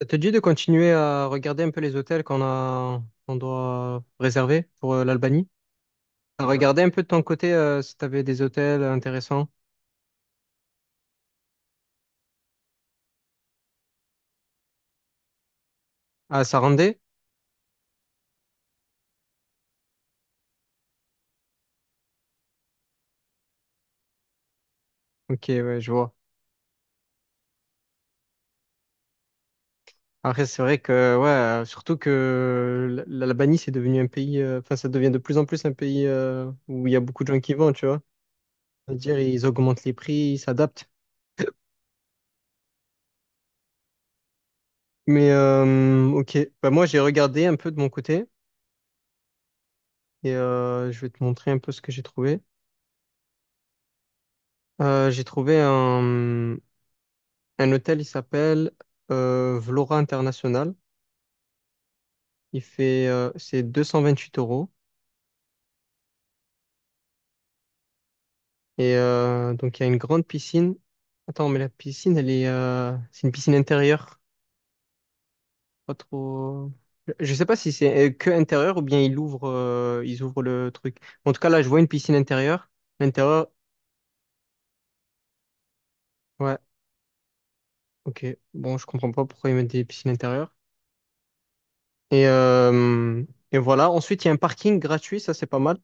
Ça te dit de continuer à regarder un peu les hôtels qu'on a, qu'on doit réserver pour l'Albanie? Regarder un peu de ton côté si tu avais des hôtels intéressants. Ah, Sarandé? Ok, ouais, je vois. Après, c'est vrai que, ouais, surtout que l'Albanie, c'est devenu un pays, enfin, ça devient de plus en plus un pays où il y a beaucoup de gens qui vont, tu vois. C'est-à-dire, ils augmentent les prix, ils s'adaptent. Mais, ok, bah, moi, j'ai regardé un peu de mon côté et je vais te montrer un peu ce que j'ai trouvé. J'ai trouvé un. Un hôtel, il s'appelle Vlora International. Il fait, c'est 228 euros. Et donc, il y a une grande piscine. Attends, mais la piscine, elle est, c'est une piscine intérieure. Pas trop. Je sais pas si c'est que intérieur ou bien ils ouvrent le truc. En tout cas, là, je vois une piscine intérieure. L'intérieur, ouais, ok. Bon, je comprends pas pourquoi ils mettent des piscines intérieures. Et, euh, et voilà. Ensuite, il y a un parking gratuit. Ça, c'est pas mal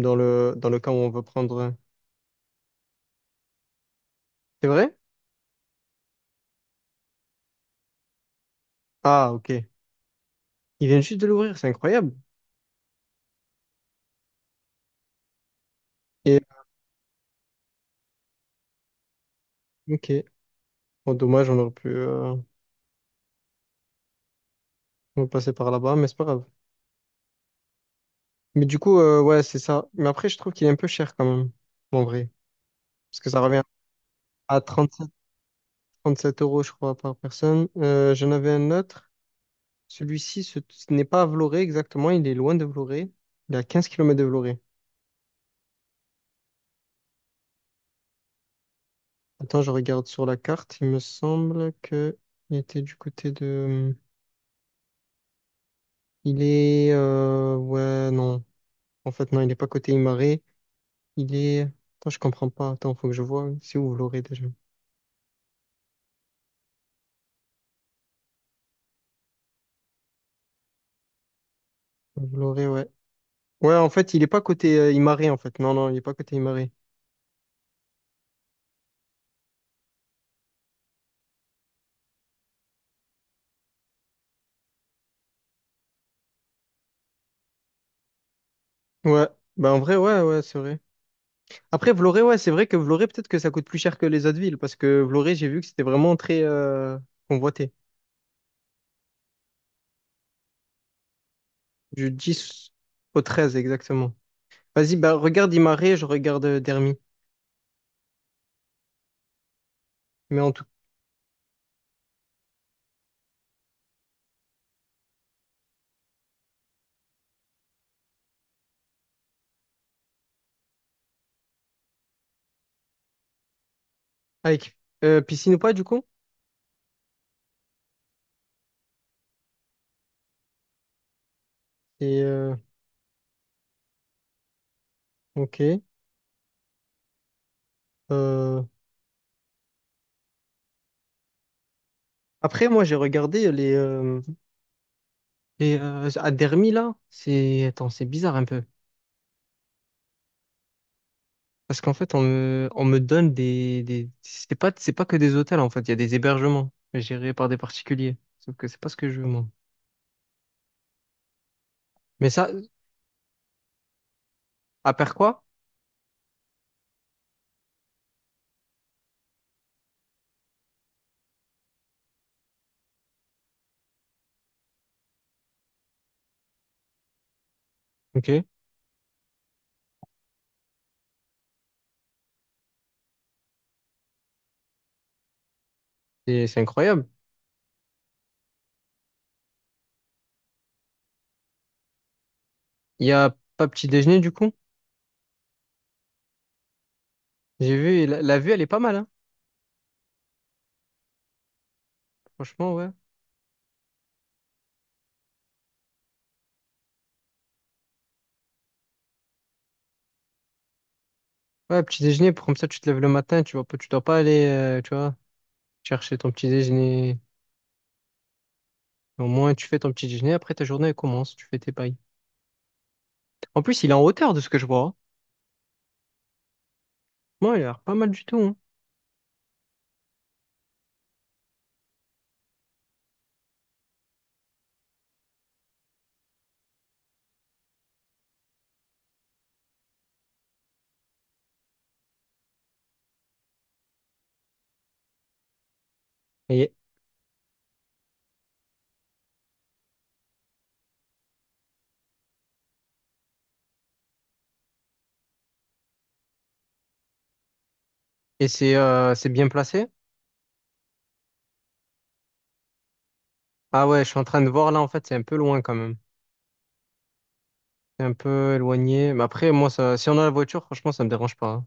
dans le cas où on veut prendre. C'est vrai? Ah, ok. Il vient juste de l'ouvrir, c'est incroyable. Et ok, bon, dommage, on aurait pu passer par là-bas, mais c'est pas grave. Mais du coup, ouais, c'est ça. Mais après, je trouve qu'il est un peu cher quand même, en vrai. Parce que ça revient à 37 euros, je crois, par personne. J'en avais un autre. Celui-ci, ce n'est pas à Vloré exactement, il est loin de Vloré. Il est à 15 kilomètres de Vloré. Attends, je regarde sur la carte. Il me semble que il était du côté de. Il est. Ouais, non. En fait, non, il n'est pas côté Imare. Il est. Attends, je comprends pas. Attends, faut que je vois. C'est où Vloré déjà? Vloré, ouais. Ouais, en fait, il est pas côté Imare, en fait. Non, non, il est pas côté Imare. Ouais. Bah, en vrai, ouais, ouais, c'est vrai. Après, Vloré, ouais, c'est vrai que Vloré, peut-être que ça coûte plus cher que les autres villes, parce que Vloré, j'ai vu que c'était vraiment très convoité. Du 10 au 13 exactement. Vas-y, bah, regarde Imare, je regarde Dermi. Mais en tout. Avec piscine ou pas, du coup? Et. Ok. Euh, après, moi, j'ai regardé les. Et à Dermi, là, c'est... Attends, c'est bizarre un peu. Parce qu'en fait, on me donne des... c'est pas que des hôtels, en fait. Il y a des hébergements gérés par des particuliers. Sauf que c'est pas ce que je veux, moi. Mais ça, à quoi Ok. Et c'est incroyable. Il y a pas petit déjeuner, du coup. J'ai vu, et la vue, elle est pas mal, hein. Franchement, ouais. Ouais, petit déjeuner, comme ça, tu te lèves le matin, tu vois pas, tu dois pas aller, tu vois, chercher ton petit déjeuner. Au moins, tu fais ton petit déjeuner, après ta journée, elle commence, tu fais tes pailles. En plus, il est en hauteur de ce que je vois, hein. Ouais, il a l'air pas mal du tout, hein. Et, et c'est bien placé? Ah ouais, je suis en train de voir là, en fait, c'est un peu loin quand même. C'est un peu éloigné. Mais après, moi, ça, si on a la voiture, franchement, ça me dérange pas, hein.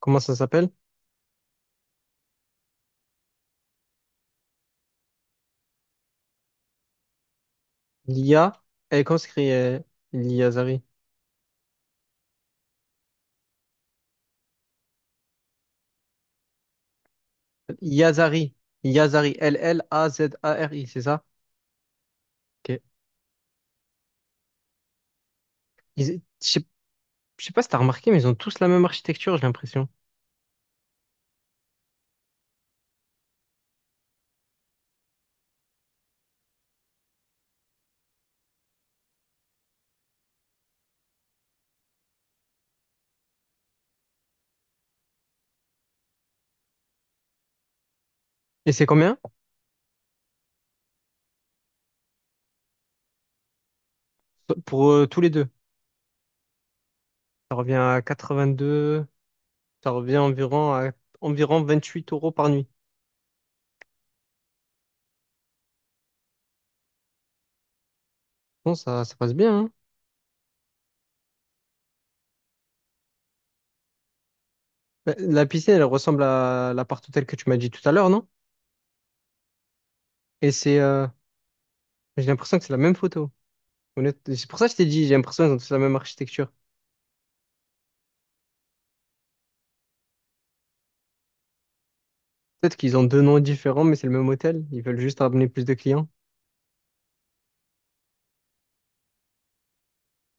Comment ça s'appelle? L'IA. Elle conscrit L'Iazari. Yazari. Yazari. Llazari, c'est ça? Ok. Ils- Je sais Je sais pas si t'as remarqué, mais ils ont tous la même architecture, j'ai l'impression. Et c'est combien? Pour tous les deux. Ça revient à 82. Ça revient environ à environ 28 euros par nuit. Bon, ça passe bien, hein. La piscine, elle ressemble à l'appart hôtel que tu m'as dit tout à l'heure, non? Et c'est, j'ai l'impression que c'est la même photo. C'est pour ça que je t'ai dit, j'ai l'impression qu'ils ont tous la même architecture. Peut-être qu'ils ont deux noms différents, mais c'est le même hôtel. Ils veulent juste ramener plus de clients.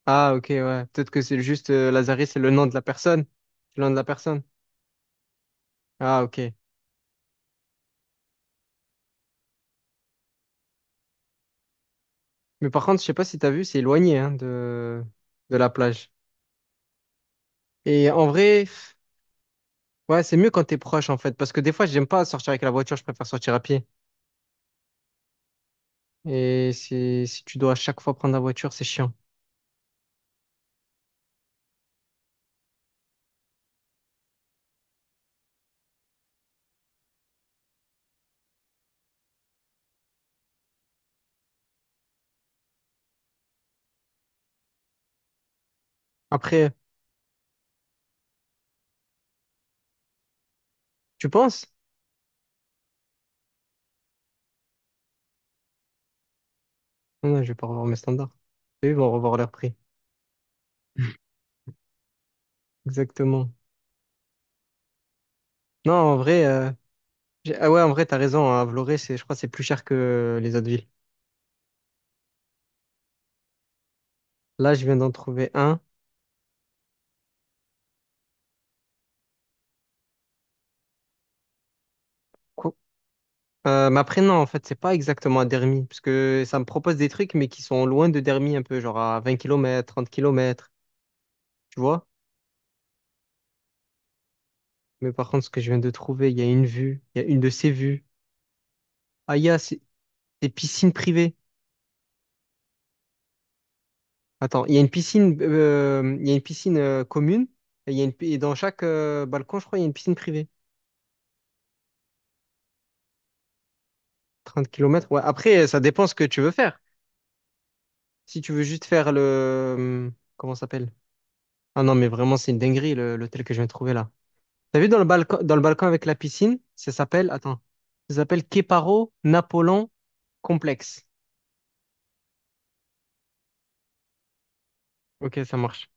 Ah, ok, ouais. Peut-être que c'est juste Lazare, c'est le nom de la personne. C'est le nom de la personne. Ah, ok. Mais par contre, je sais pas si t'as vu, c'est éloigné hein, de la plage. Et en vrai, ouais, c'est mieux quand t'es proche, en fait. Parce que des fois, j'aime pas sortir avec la voiture, je préfère sortir à pied. Et si tu dois à chaque fois prendre la voiture, c'est chiant. Après, tu penses? Non, non, je vais pas revoir mes standards. Eux, ils vont revoir leur prix. Exactement. Non, en vrai. Ah ouais, en vrai, t'as raison, hein, À Vloré, c'est, je crois, que c'est plus cher que les autres villes. Là, je viens d'en trouver un. Quoi mais après, non, en fait, c'est pas exactement à Dermy, parce que ça me propose des trucs, mais qui sont loin de Dermy un peu, genre à 20 kilomètres 30 kilomètres tu vois? Mais par contre, ce que je viens de trouver, il y a une vue, il y a une de ces vues. Ah, il y a des piscines privées. Attends, il y a une piscine, il y a une piscine commune, et, il y a et dans chaque balcon, je crois, il y a une piscine privée. 30 kilomètres ouais. Après, ça dépend ce que tu veux faire. Si tu veux juste faire le... euh, comment ça s'appelle? Ah non, mais vraiment, c'est une dinguerie, l'hôtel que je viens de trouver là. T'as vu dans le balcon avec la piscine? Ça s'appelle... Attends. Ça s'appelle Keparo Napoléon Complexe. Ok, ça marche.